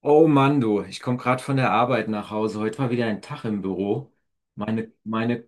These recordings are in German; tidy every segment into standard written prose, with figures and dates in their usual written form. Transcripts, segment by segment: Oh Mann, du, ich komme gerade von der Arbeit nach Hause. Heute war wieder ein Tag im Büro. Meine, meine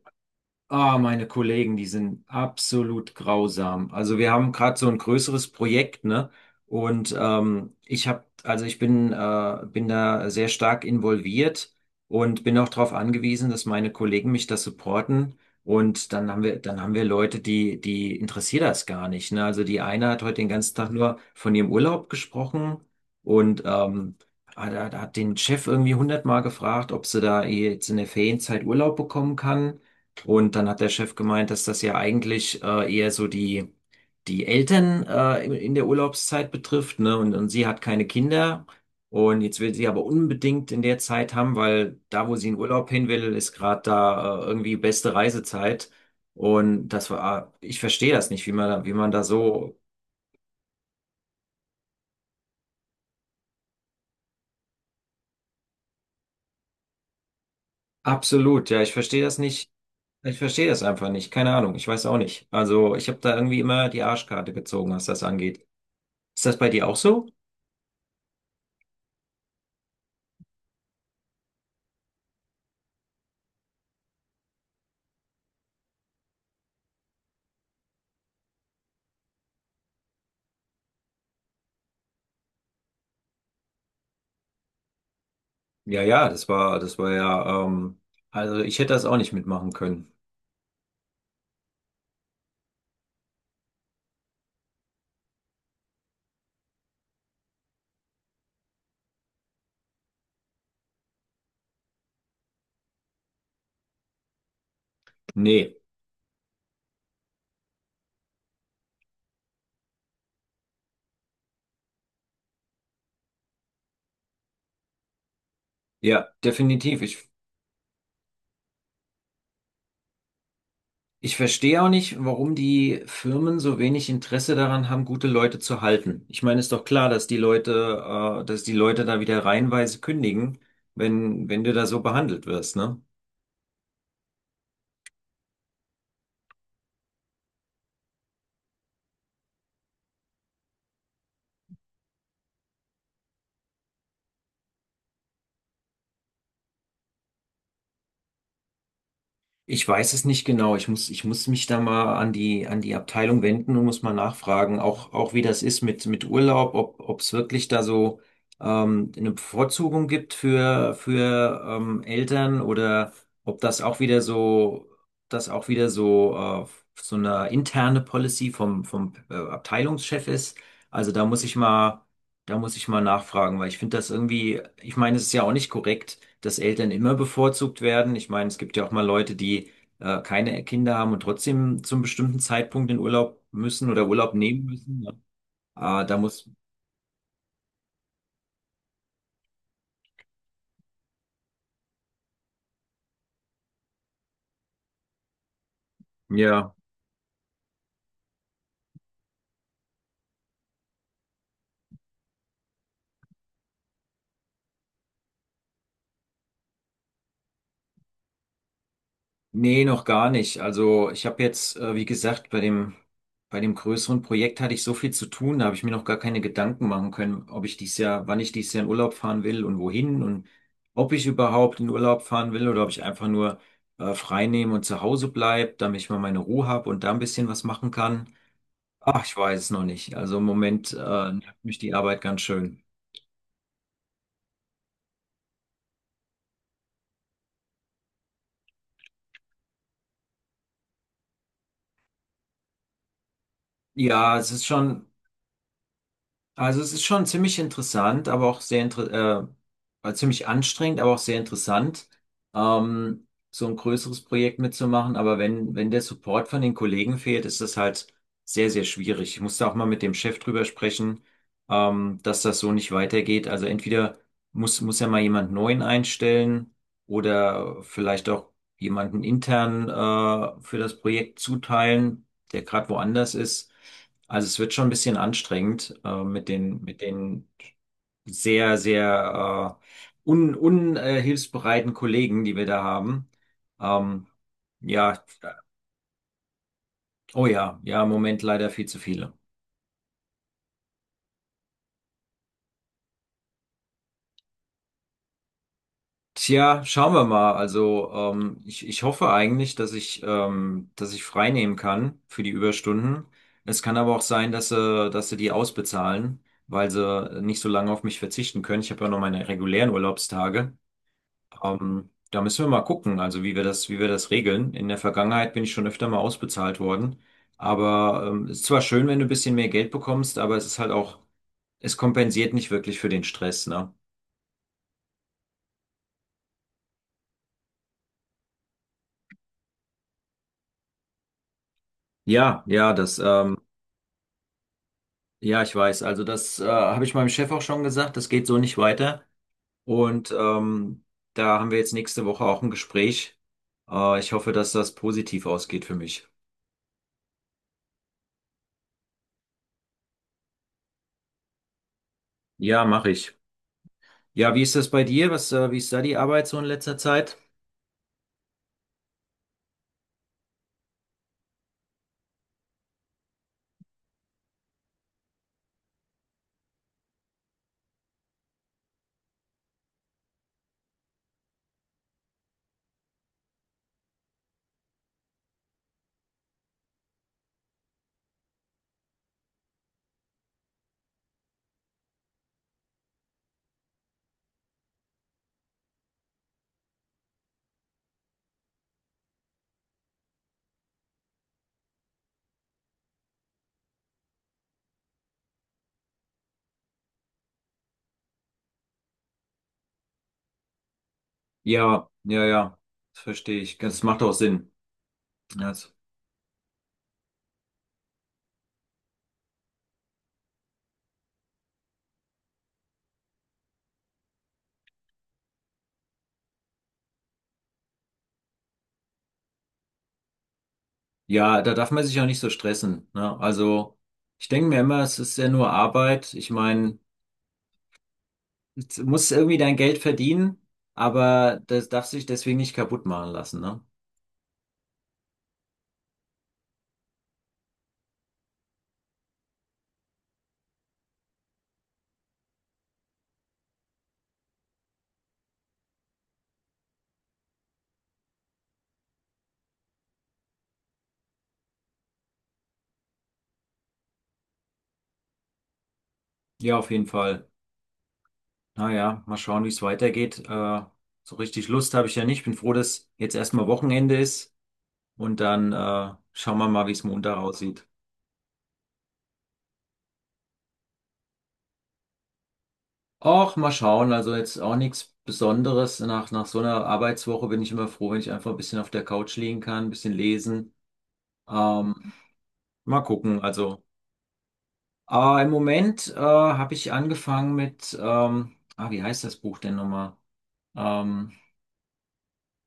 meine Kollegen, die sind absolut grausam. Also wir haben gerade so ein größeres Projekt, ne? Und ich habe, also ich bin da sehr stark involviert und bin auch darauf angewiesen, dass meine Kollegen mich das supporten. Und dann haben wir Leute, die interessiert das gar nicht, ne? Also die eine hat heute den ganzen Tag nur von ihrem Urlaub gesprochen und hat den Chef irgendwie hundertmal gefragt, ob sie da jetzt in der Ferienzeit Urlaub bekommen kann. Und dann hat der Chef gemeint, dass das ja eigentlich eher die Eltern in der Urlaubszeit betrifft, ne? Und sie hat keine Kinder. Und jetzt will sie aber unbedingt in der Zeit haben, weil da, wo sie in Urlaub hin will, ist gerade da irgendwie beste Reisezeit. Und das war, ich verstehe das nicht, wie man da so absolut, ja, ich verstehe das nicht. Ich verstehe das einfach nicht. Keine Ahnung, ich weiß auch nicht. Also ich habe da irgendwie immer die Arschkarte gezogen, was das angeht. Ist das bei dir auch so? Ja, ja, das war ja, also ich hätte das auch nicht mitmachen können. Nee, ja, definitiv. Ich verstehe auch nicht, warum die Firmen so wenig Interesse daran haben, gute Leute zu halten. Ich meine, ist doch klar, dass dass die Leute da wieder reihenweise kündigen, wenn du da so behandelt wirst, ne? Ich weiß es nicht genau. Ich muss mich da mal an die Abteilung wenden und muss mal nachfragen, auch wie das ist mit Urlaub, ob es wirklich da so eine Bevorzugung gibt für Eltern oder ob das auch wieder so, das auch wieder so, äh, so eine interne Policy vom Abteilungschef ist. Also da muss ich mal. Da muss ich mal nachfragen, weil ich finde das irgendwie, ich meine, es ist ja auch nicht korrekt, dass Eltern immer bevorzugt werden. Ich meine, es gibt ja auch mal Leute, die keine Kinder haben und trotzdem zum bestimmten Zeitpunkt in Urlaub müssen oder Urlaub nehmen müssen. Ne? Ah, da muss, ja. Nee, noch gar nicht. Also ich habe jetzt, wie gesagt, bei dem größeren Projekt hatte ich so viel zu tun, da habe ich mir noch gar keine Gedanken machen können, ob ich dies Jahr, wann ich dies Jahr in Urlaub fahren will und wohin und ob ich überhaupt in Urlaub fahren will oder ob ich einfach nur frei nehme und zu Hause bleib, damit ich mal meine Ruhe habe und da ein bisschen was machen kann. Ach, ich weiß es noch nicht. Also im Moment nervt mich die Arbeit ganz schön. Ja, es ist schon. Also es ist schon ziemlich interessant, aber auch sehr inter ziemlich anstrengend, aber auch sehr interessant, so ein größeres Projekt mitzumachen. Aber wenn der Support von den Kollegen fehlt, ist das halt sehr, sehr schwierig. Ich musste auch mal mit dem Chef drüber sprechen, dass das so nicht weitergeht. Also entweder muss ja mal jemand Neuen einstellen oder vielleicht auch jemanden intern für das Projekt zuteilen, der gerade woanders ist. Also es wird schon ein bisschen anstrengend mit den sehr, sehr hilfsbereiten Kollegen, die wir da haben. Ähm, ja, oh ja, ja, im Moment leider viel zu viele. Tja, schauen wir mal. Also ich hoffe eigentlich, dass ich frei nehmen kann für die Überstunden. Es kann aber auch sein, dass sie die ausbezahlen, weil sie nicht so lange auf mich verzichten können. Ich habe ja noch meine regulären Urlaubstage. Da müssen wir mal gucken, also wie wir das regeln. In der Vergangenheit bin ich schon öfter mal ausbezahlt worden. Aber es ist zwar schön, wenn du ein bisschen mehr Geld bekommst, aber es ist halt auch, es kompensiert nicht wirklich für den Stress, ne? Ja, ja, ja, ich weiß. Also das habe ich meinem Chef auch schon gesagt, das geht so nicht weiter. Und da haben wir jetzt nächste Woche auch ein Gespräch. Ich hoffe, dass das positiv ausgeht für mich. Ja, mache ich. Ja, wie ist das bei dir? Was, wie ist da die Arbeit so in letzter Zeit? Ja, ja, ja, das verstehe ich. Das macht auch Sinn. Ja, das- ja, da darf man sich auch nicht so stressen. Ne? Also, ich denke mir immer, es ist ja nur Arbeit. Ich meine, du musst irgendwie dein Geld verdienen, aber das darf sich deswegen nicht kaputt machen lassen. Ne? Ja, auf jeden Fall. Naja, mal schauen, wie es weitergeht. So richtig Lust habe ich ja nicht. Bin froh, dass jetzt erstmal Wochenende ist und dann schauen wir mal, wie es Montag aussieht. Auch mal schauen, also jetzt auch nichts Besonderes. Nach so einer Arbeitswoche bin ich immer froh, wenn ich einfach ein bisschen auf der Couch liegen kann, ein bisschen lesen. Ähm, Mal gucken, also. Aber im Moment habe ich angefangen mit, wie heißt das Buch denn nochmal? Ähm,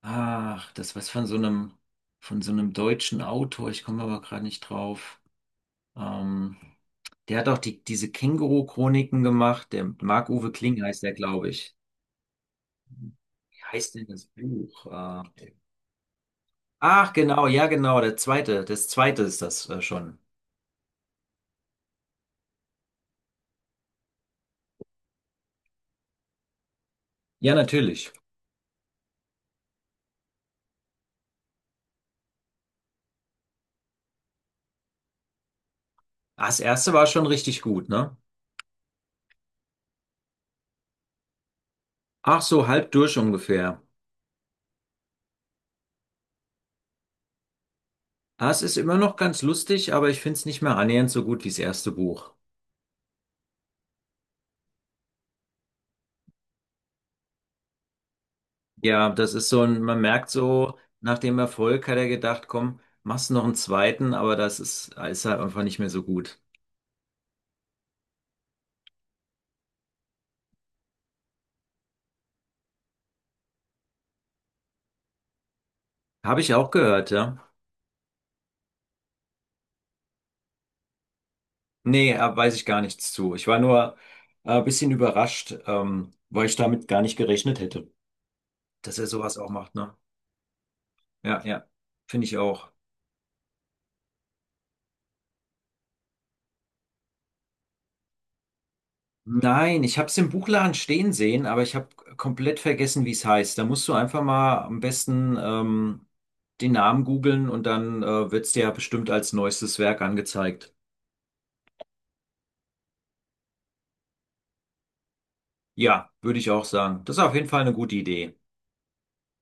Ach, das was von so einem deutschen Autor, ich komme aber gerade nicht drauf. Ähm, Der hat auch diese Känguru-Chroniken gemacht, der Marc-Uwe Kling heißt der, glaube ich. Wie heißt denn das Buch? Äh, Ach, genau, ja, genau, der zweite, das zweite ist das schon. Ja, natürlich. Ah, das erste war schon richtig gut, ne? Ach, so halb durch ungefähr. Ah, es ist immer noch ganz lustig, aber ich finde es nicht mehr annähernd so gut wie das erste Buch. Ja, das ist so ein, man merkt so, nach dem Erfolg hat er gedacht, komm, machst noch einen zweiten, aber ist halt einfach nicht mehr so gut. Habe ich auch gehört, ja? Nee, weiß ich gar nichts zu. Ich war nur ein bisschen überrascht, weil ich damit gar nicht gerechnet hätte, dass er sowas auch macht, ne? Ja, ja. Finde ich auch. Nein, ich habe es im Buchladen stehen sehen, aber ich habe komplett vergessen, wie es heißt. Da musst du einfach mal am besten, den Namen googeln und dann wird es dir ja bestimmt als neuestes Werk angezeigt. Ja, würde ich auch sagen. Das ist auf jeden Fall eine gute Idee.